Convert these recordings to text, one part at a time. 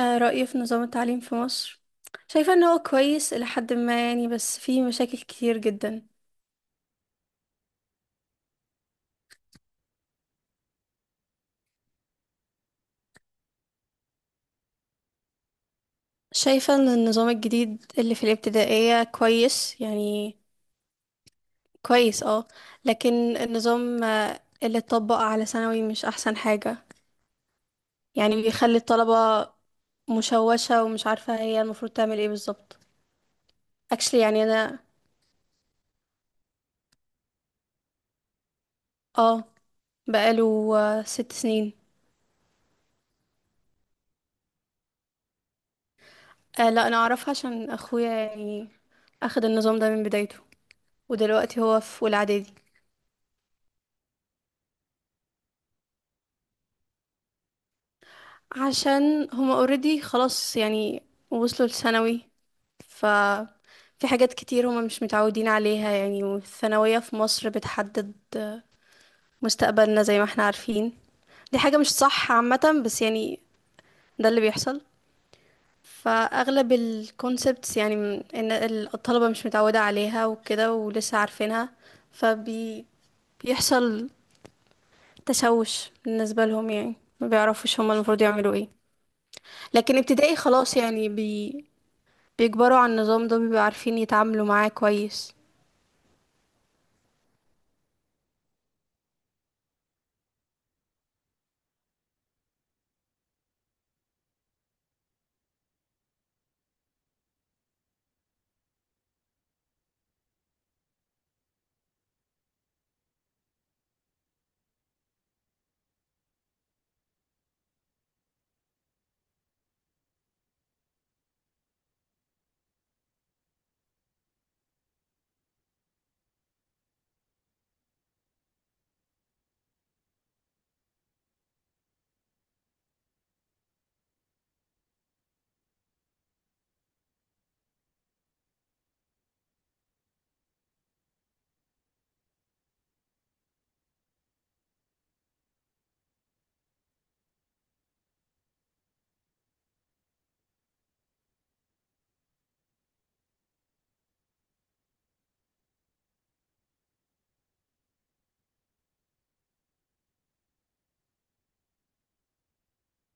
آه، رأيي في نظام التعليم في مصر. شايفة ان هو كويس إلى حد ما يعني، بس فيه مشاكل كتير جدا. شايفة ان النظام الجديد اللي في الابتدائية كويس يعني، كويس اه. لكن النظام اللي اتطبق على ثانوي مش احسن حاجة، يعني بيخلي الطلبة مشوشة ومش عارفة هي المفروض تعمل ايه بالظبط. actually يعني انا اه، بقاله 6 سنين. آه، لا انا اعرفها عشان اخويا، يعني اخد النظام ده من بدايته ودلوقتي هو في اولى اعدادي. عشان هما اوريدي خلاص يعني، وصلوا لثانوي، ففي حاجات كتير هما مش متعودين عليها يعني، والثانوية في مصر بتحدد مستقبلنا زي ما احنا عارفين. دي حاجة مش صح عامة بس يعني، ده اللي بيحصل. فأغلب الكونسبتس يعني إن الطلبة مش متعودة عليها وكده ولسه عارفينها، فبيحصل تشوش بالنسبة لهم يعني، ما بيعرفوش هما المفروض يعملوا ايه. لكن ابتدائي خلاص يعني، بيكبروا على النظام ده بيبقوا عارفين يتعاملوا معاه كويس.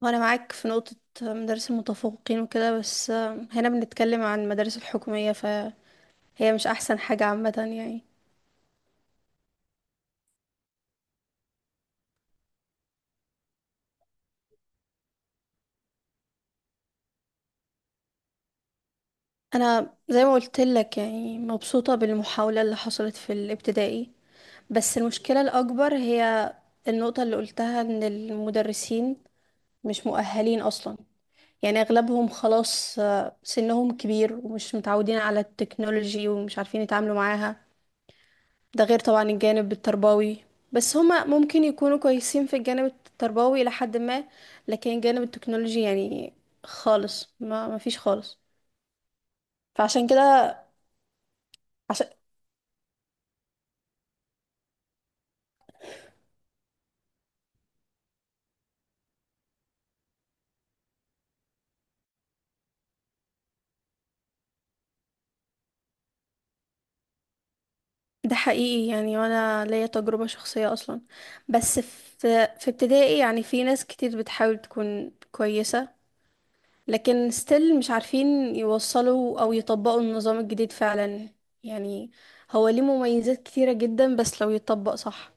وانا معاك في نقطة مدارس المتفوقين وكده، بس هنا بنتكلم عن المدارس الحكومية فهي مش احسن حاجة عامة يعني. انا زي ما قلت لك يعني، مبسوطة بالمحاولة اللي حصلت في الابتدائي، بس المشكلة الاكبر هي النقطة اللي قلتها ان المدرسين مش مؤهلين اصلا. يعني اغلبهم خلاص سنهم كبير ومش متعودين على التكنولوجي ومش عارفين يتعاملوا معاها. ده غير طبعا الجانب التربوي، بس هما ممكن يكونوا كويسين في الجانب التربوي إلى حد ما، لكن الجانب التكنولوجي يعني خالص ما فيش خالص. فعشان كده عشان ده حقيقي يعني، وانا ليا تجربة شخصية اصلا. بس في ابتدائي يعني، في ناس كتير بتحاول تكون كويسة، لكن ستيل مش عارفين يوصلوا او يطبقوا النظام الجديد فعلا يعني. هو ليه مميزات كتيرة جدا بس لو يتطبق صح.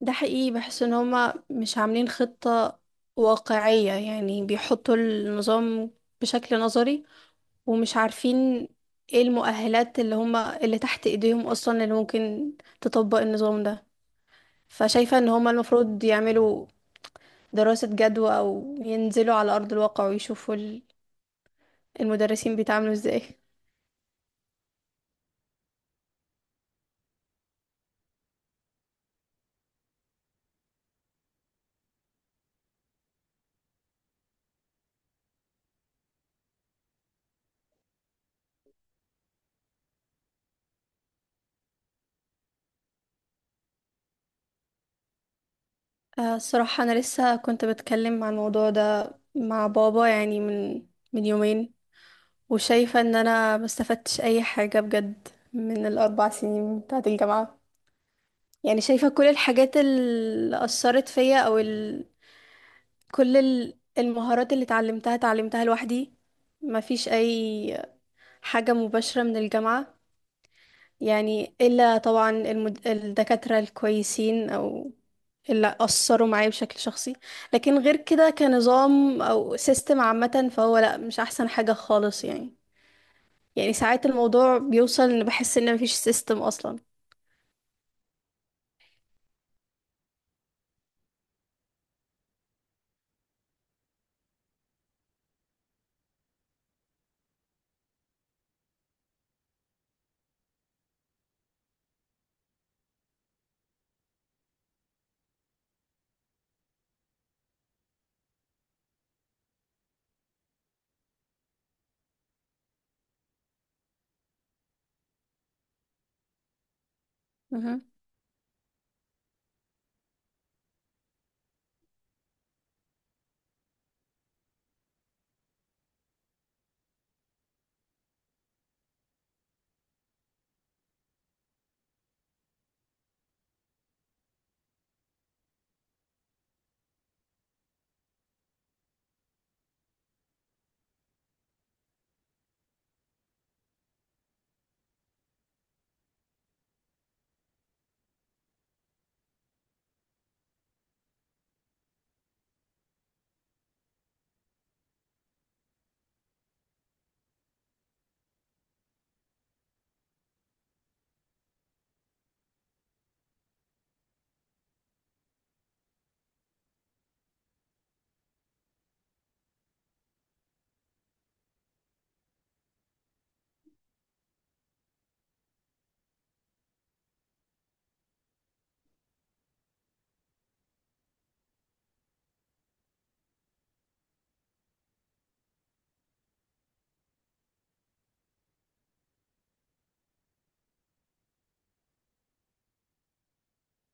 ده حقيقي، بحس ان هما مش عاملين خطة واقعية يعني، بيحطوا النظام بشكل نظري ومش عارفين ايه المؤهلات اللي هما اللي تحت ايديهم اصلا اللي ممكن تطبق النظام ده. فشايفة ان هما المفروض يعملوا دراسة جدوى او ينزلوا على ارض الواقع ويشوفوا المدرسين بيتعاملوا ازاي. الصراحة أنا لسه كنت بتكلم عن الموضوع ده مع بابا يعني، من من يومين. وشايفة إن أنا مستفدتش أي حاجة بجد من الأربع سنين بتاعة الجامعة. يعني شايفة كل الحاجات اللي أثرت فيا كل المهارات اللي اتعلمتها اتعلمتها لوحدي. مفيش أي حاجة مباشرة من الجامعة، يعني إلا طبعا الدكاترة الكويسين أو اللي أثروا معايا بشكل شخصي. لكن غير كده كنظام أو سيستم عامة فهو لأ، مش أحسن حاجة خالص يعني. يعني ساعات الموضوع بيوصل إن بحس إن مفيش سيستم أصلا. مهم.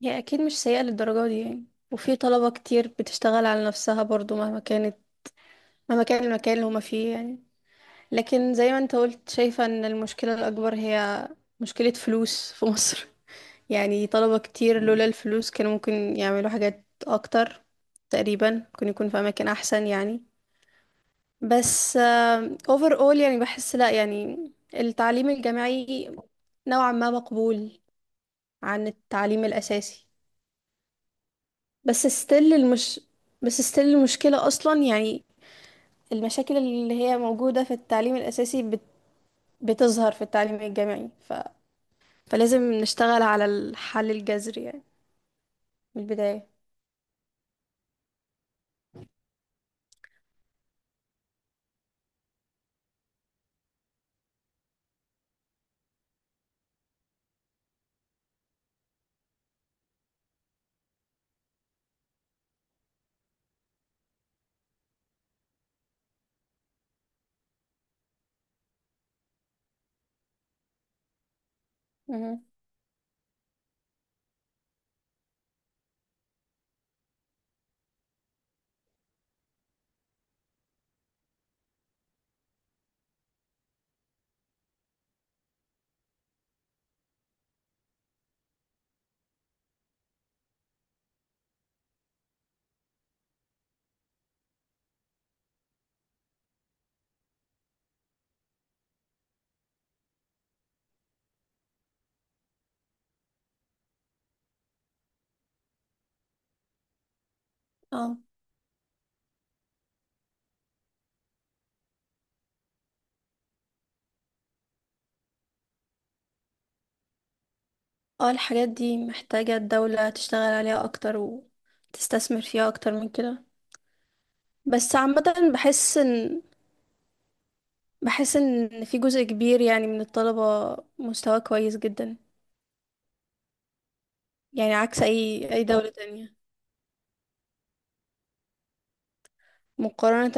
هي أكيد مش سيئة للدرجة دي يعني، وفي طلبة كتير بتشتغل على نفسها برضو مهما كانت، مهما كان المكان اللي هما فيه يعني. لكن زي ما انت قلت، شايفة إن المشكلة الأكبر هي مشكلة فلوس في مصر. يعني طلبة كتير لولا الفلوس كانوا ممكن يعملوا حاجات اكتر، تقريبا ممكن يكون في اماكن احسن يعني. بس اوفر اول يعني، بحس لا يعني التعليم الجامعي نوعا ما مقبول عن التعليم الاساسي. بس ستيل المش بس ستيل المشكلة اصلا يعني، المشاكل اللي هي موجودة في التعليم الاساسي بتظهر في التعليم الجامعي فلازم نشتغل على الحل الجذري يعني، من البداية. مهم. اه اه، الحاجات دي محتاجة الدولة تشتغل عليها أكتر وتستثمر فيها أكتر من كده. بس عامة، بحس إن في جزء كبير يعني من الطلبة مستواه كويس جدا. يعني عكس أي دولة تانية، مقارنة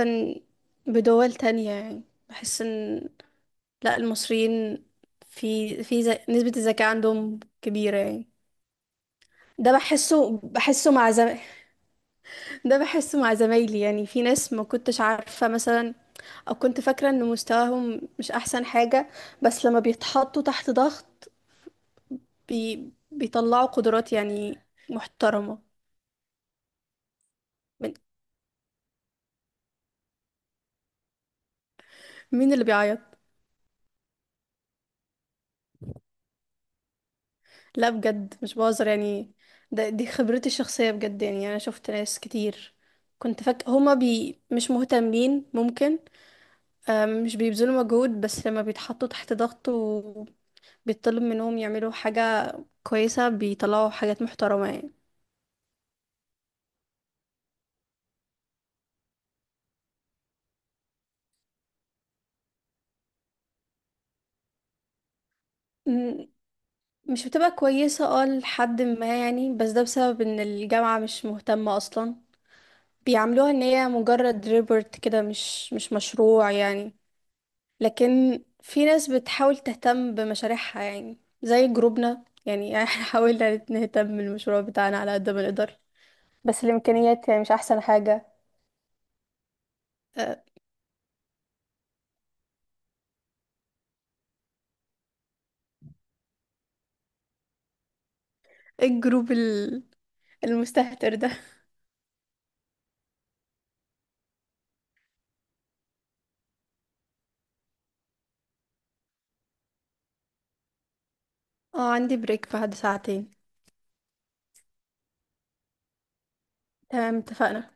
بدول تانية يعني. بحس إن لأ، المصريين نسبة الذكاء عندهم كبيرة يعني. ده بحسه بحسه مع ده بحسه مع زمايلي يعني، في ناس ما كنتش عارفة مثلا، او كنت فاكره ان مستواهم مش احسن حاجه، بس لما بيتحطوا تحت ضغط بيطلعوا قدرات يعني محترمه. من... مين اللي بيعيط؟ لا بجد مش بهزر يعني، ده دي خبرتي الشخصيه بجد يعني. انا شفت ناس كتير كنت فاكره هما مش مهتمين، ممكن مش بيبذلوا مجهود، بس لما بيتحطوا تحت ضغط وبيطلب منهم يعملوا حاجه كويسه بيطلعوا حاجات محترمه. يعني مش بتبقى كويسة اه لحد ما يعني، بس ده بسبب ان الجامعة مش مهتمة اصلا، بيعاملوها ان هي مجرد ريبورت كده، مش مش مشروع يعني. لكن في ناس بتحاول تهتم بمشاريعها يعني زي جروبنا يعني. احنا حاولنا نهتم بالمشروع بتاعنا على قد ما نقدر، بس الامكانيات يعني مش احسن حاجة. آه، ايه الجروب المستهتر ده؟ اه، عندي بريك بعد ساعتين. تمام، اتفقنا.